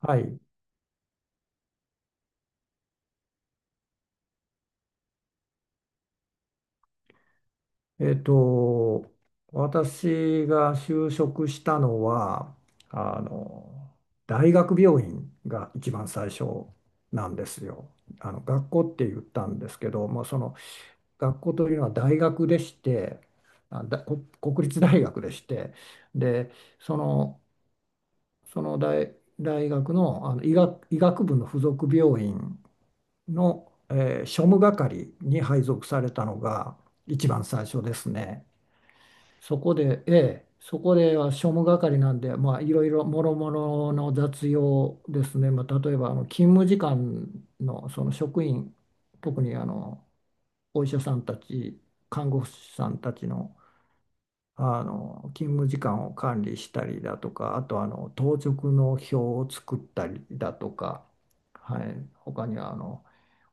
はい。えっと、私が就職したのは、あの、大学病院が一番最初なんですよ。学校って言ったんですけど、まあ、その学校というのは大学でして、国立大学でして、で、その、その大、大学の、医学部の附属病院の、庶務係に配属されたのが一番最初ですね。そこでは庶務係なんで、まあ、いろいろもろもろの雑用ですね。まあ、例えば勤務時間の、その職員、特にお医者さんたち、看護師さんたちの勤務時間を管理したりだとか、あと当直の表を作ったりだとか、はい、他には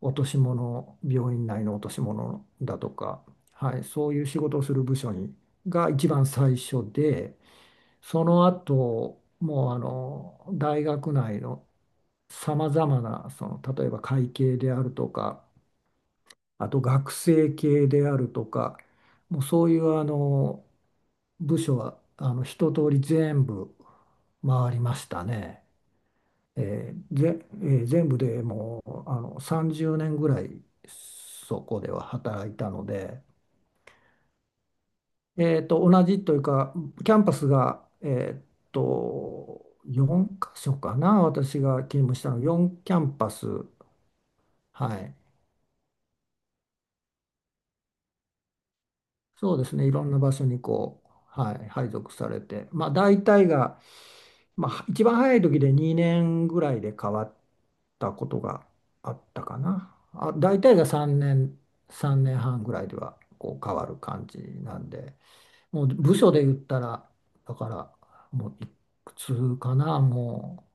落とし物、病院内の落とし物だとか、はい、そういう仕事をする部署が一番最初で、その後もう大学内のさまざまな、その例えば会計であるとか、あと学生系であるとか、もうそういう部署は一通り全部回りましたね。えーぜ、えー全部でもう30年ぐらいそこでは働いたので、同じというか、キャンパスが、4箇所かな、私が勤務したの、4キャンパス、はい、そうですね、いろんな場所にこう、はい、配属されて、まあ、大体が、まあ、一番早い時で2年ぐらいで変わったことがあったかな。あ、大体が3年、3年半ぐらいではこう変わる感じなんで、もう部署で言ったら、だからもういくつかな、も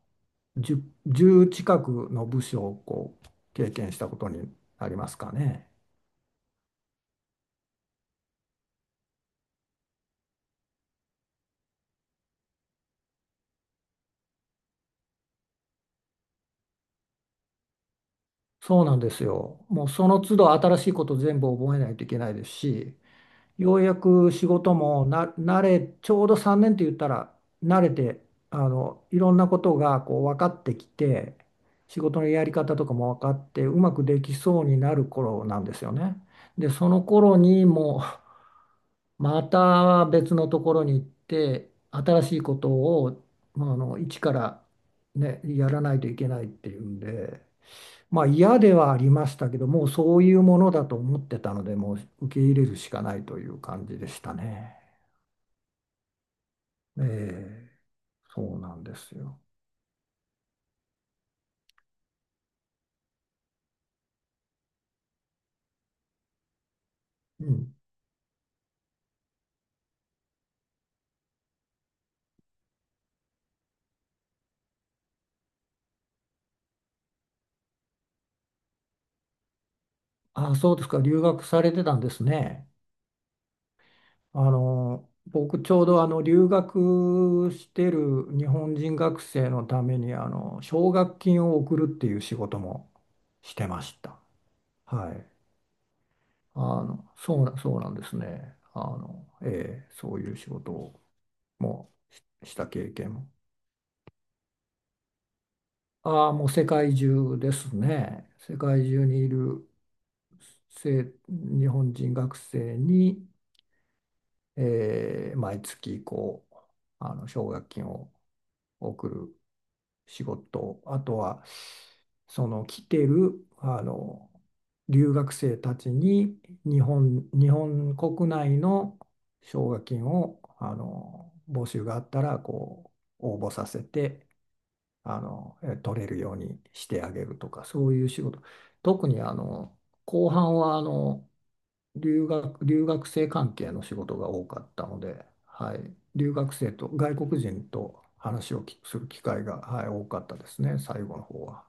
う10、じゅう近くの部署をこう経験したことになりますかね。そうなんですよ。もうその都度新しいこと全部覚えないといけないですし、ようやく仕事もな慣れ、ちょうど3年って言ったら慣れて、いろんなことがこう分かってきて、仕事のやり方とかも分かって、うまくできそうになる頃なんですよね。で、その頃にもう、また別のところに行って、新しいことを、まあ、一からね、やらないといけないっていうんで、まあ嫌ではありましたけど、もうそういうものだと思ってたので、もう受け入れるしかないという感じでしたね。ええ、そうなんですよ。うん。あ、そうですか。留学されてたんですね。僕ちょうど留学してる日本人学生のために奨学金を送るっていう仕事もしてました。はい。あの、そうな、そうなんですね。ええ、そういう仕事をもうした経験も。ああ、もう世界中ですね。世界中にいる日本人学生に、毎月こう奨学金を送る仕事、あとはその来てる留学生たちに日本国内の奨学金を募集があったらこう応募させて、取れるようにしてあげるとか、そういう仕事。特に後半は留学生関係の仕事が多かったので、はい、留学生と外国人と話をきする機会が、はい、多かったですね、最後の方は。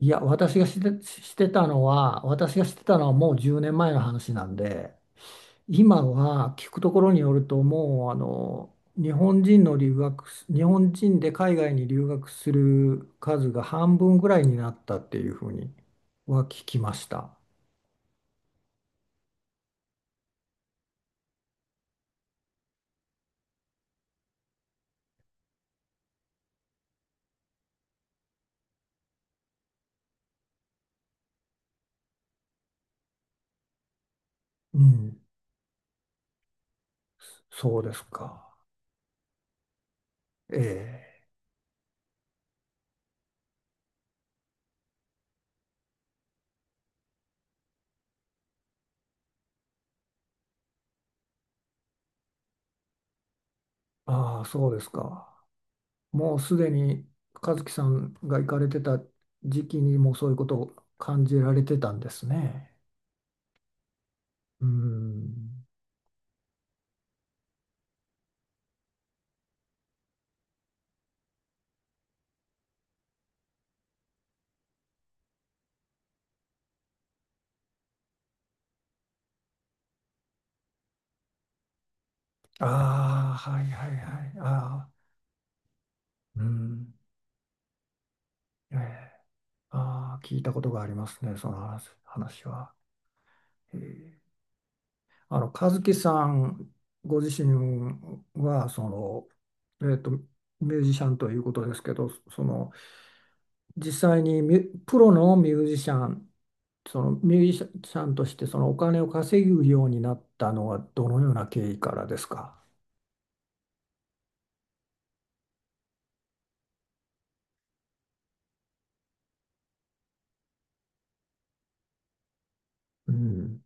いや、私がしてたのはもう10年前の話なんで、今は聞くところによるともう日本人で海外に留学する数が半分ぐらいになったっていうふうには聞きました。うん、そうですか。ええ、ああ、そうですか。もうすでに和樹さんが行かれてた時期にもそういうことを感じられてたんですね。うん。ああ、はいはいはい。ああ、うん。ええ、ああ、聞いたことがありますね、話は。えー和樹さんご自身は、その、ミュージシャンということですけど、その、実際にプロのミュージシャンとしてそのお金を稼ぐようになったのはどのような経緯からですか？うん、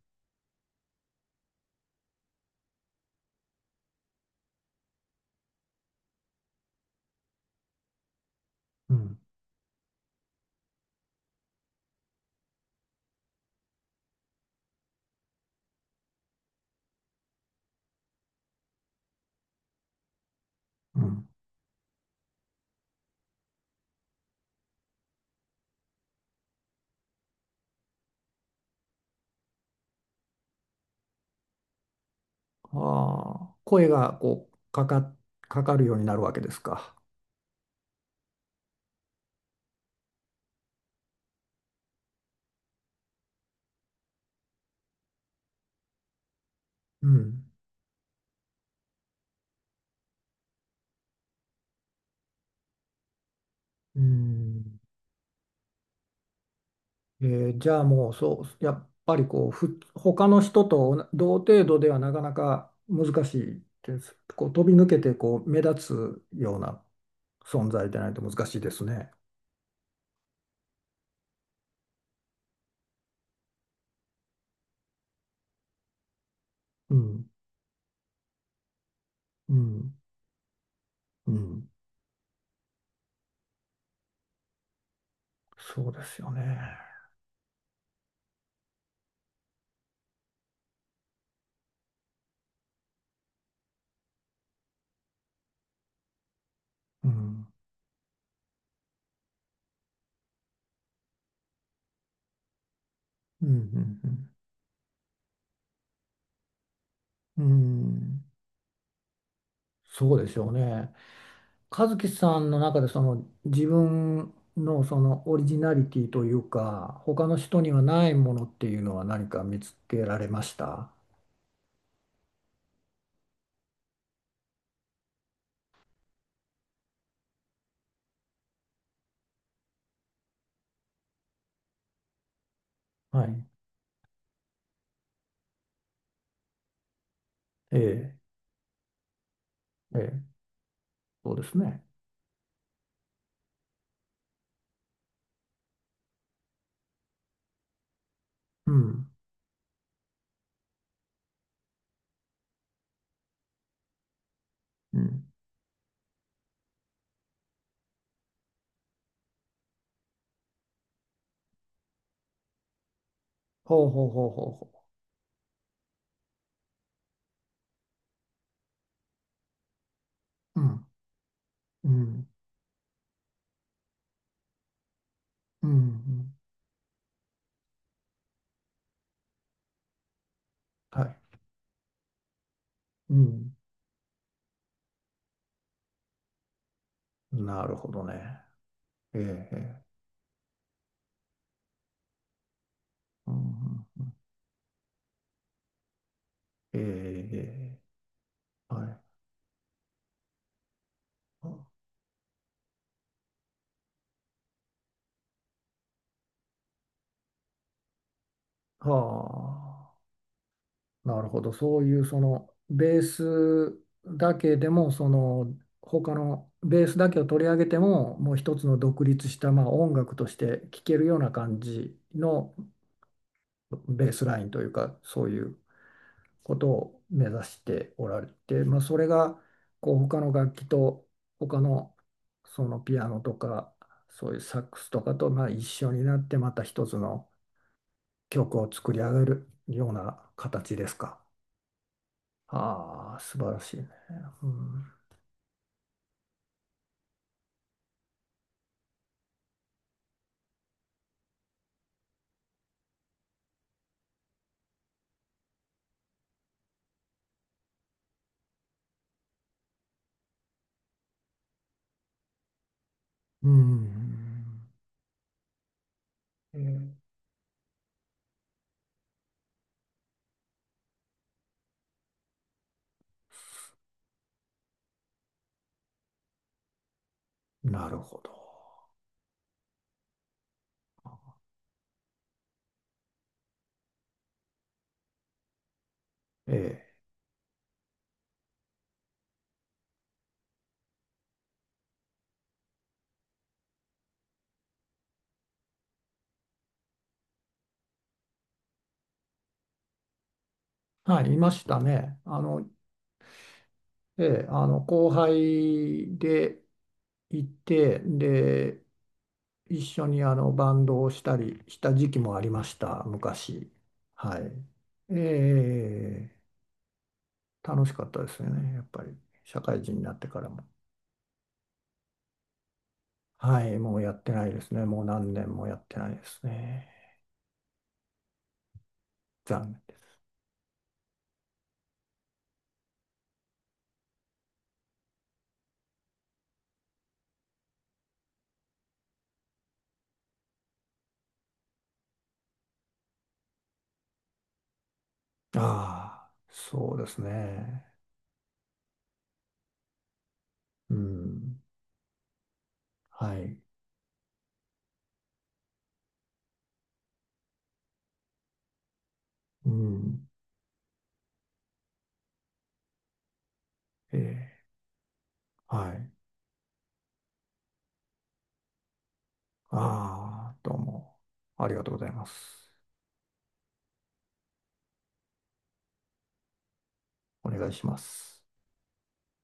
うん、うん。ああ、声がこう、かかるようになるわけですか？うん、うん。じゃあもうそう、やっぱりこう他の人と同程度ではなかなか難しいです、こう飛び抜けてこう目立つような存在でないと難しいですね。うん、うん、うん。そうですよね。うん、うん、うん、うん、うん。そうでしょうね。和樹さんの中でその自分のそのオリジナリティというか他の人にはないものっていうのは何か見つけられました？はい。ええ、ええ、そうですね。うん、うん。ほうほうほうほうほう。うん、うん、うん、うん。はい。うん。なるほどね。ええ、ええ、うん、ええ、ええ。はい。はあ、なるほど。そういうそのベースだけでも、その他のベースだけを取り上げても、もう一つの独立した、まあ、音楽として聴けるような感じのベースラインというか、そういうことを目指しておられて、まあ、それがこう他の楽器と他のそのピアノとかそういうサックスとかとまあ一緒になってまた一つの曲を作り上げるような形ですか？ああ、素晴らしいね。うん。うん。えなるほど。ええ。はい、いましたね。ええ、後輩でいて、で、一緒にバンドをしたりした時期もありました、昔。はい。ええ、楽しかったですよね、やっぱり。社会人になってからも。はい、もうやってないですね。もう何年もやってないですね。残念。ああ、そうですね。うん。はい。うん。ええ、はい。ああ、どうも。ありがとうございます。お願いします。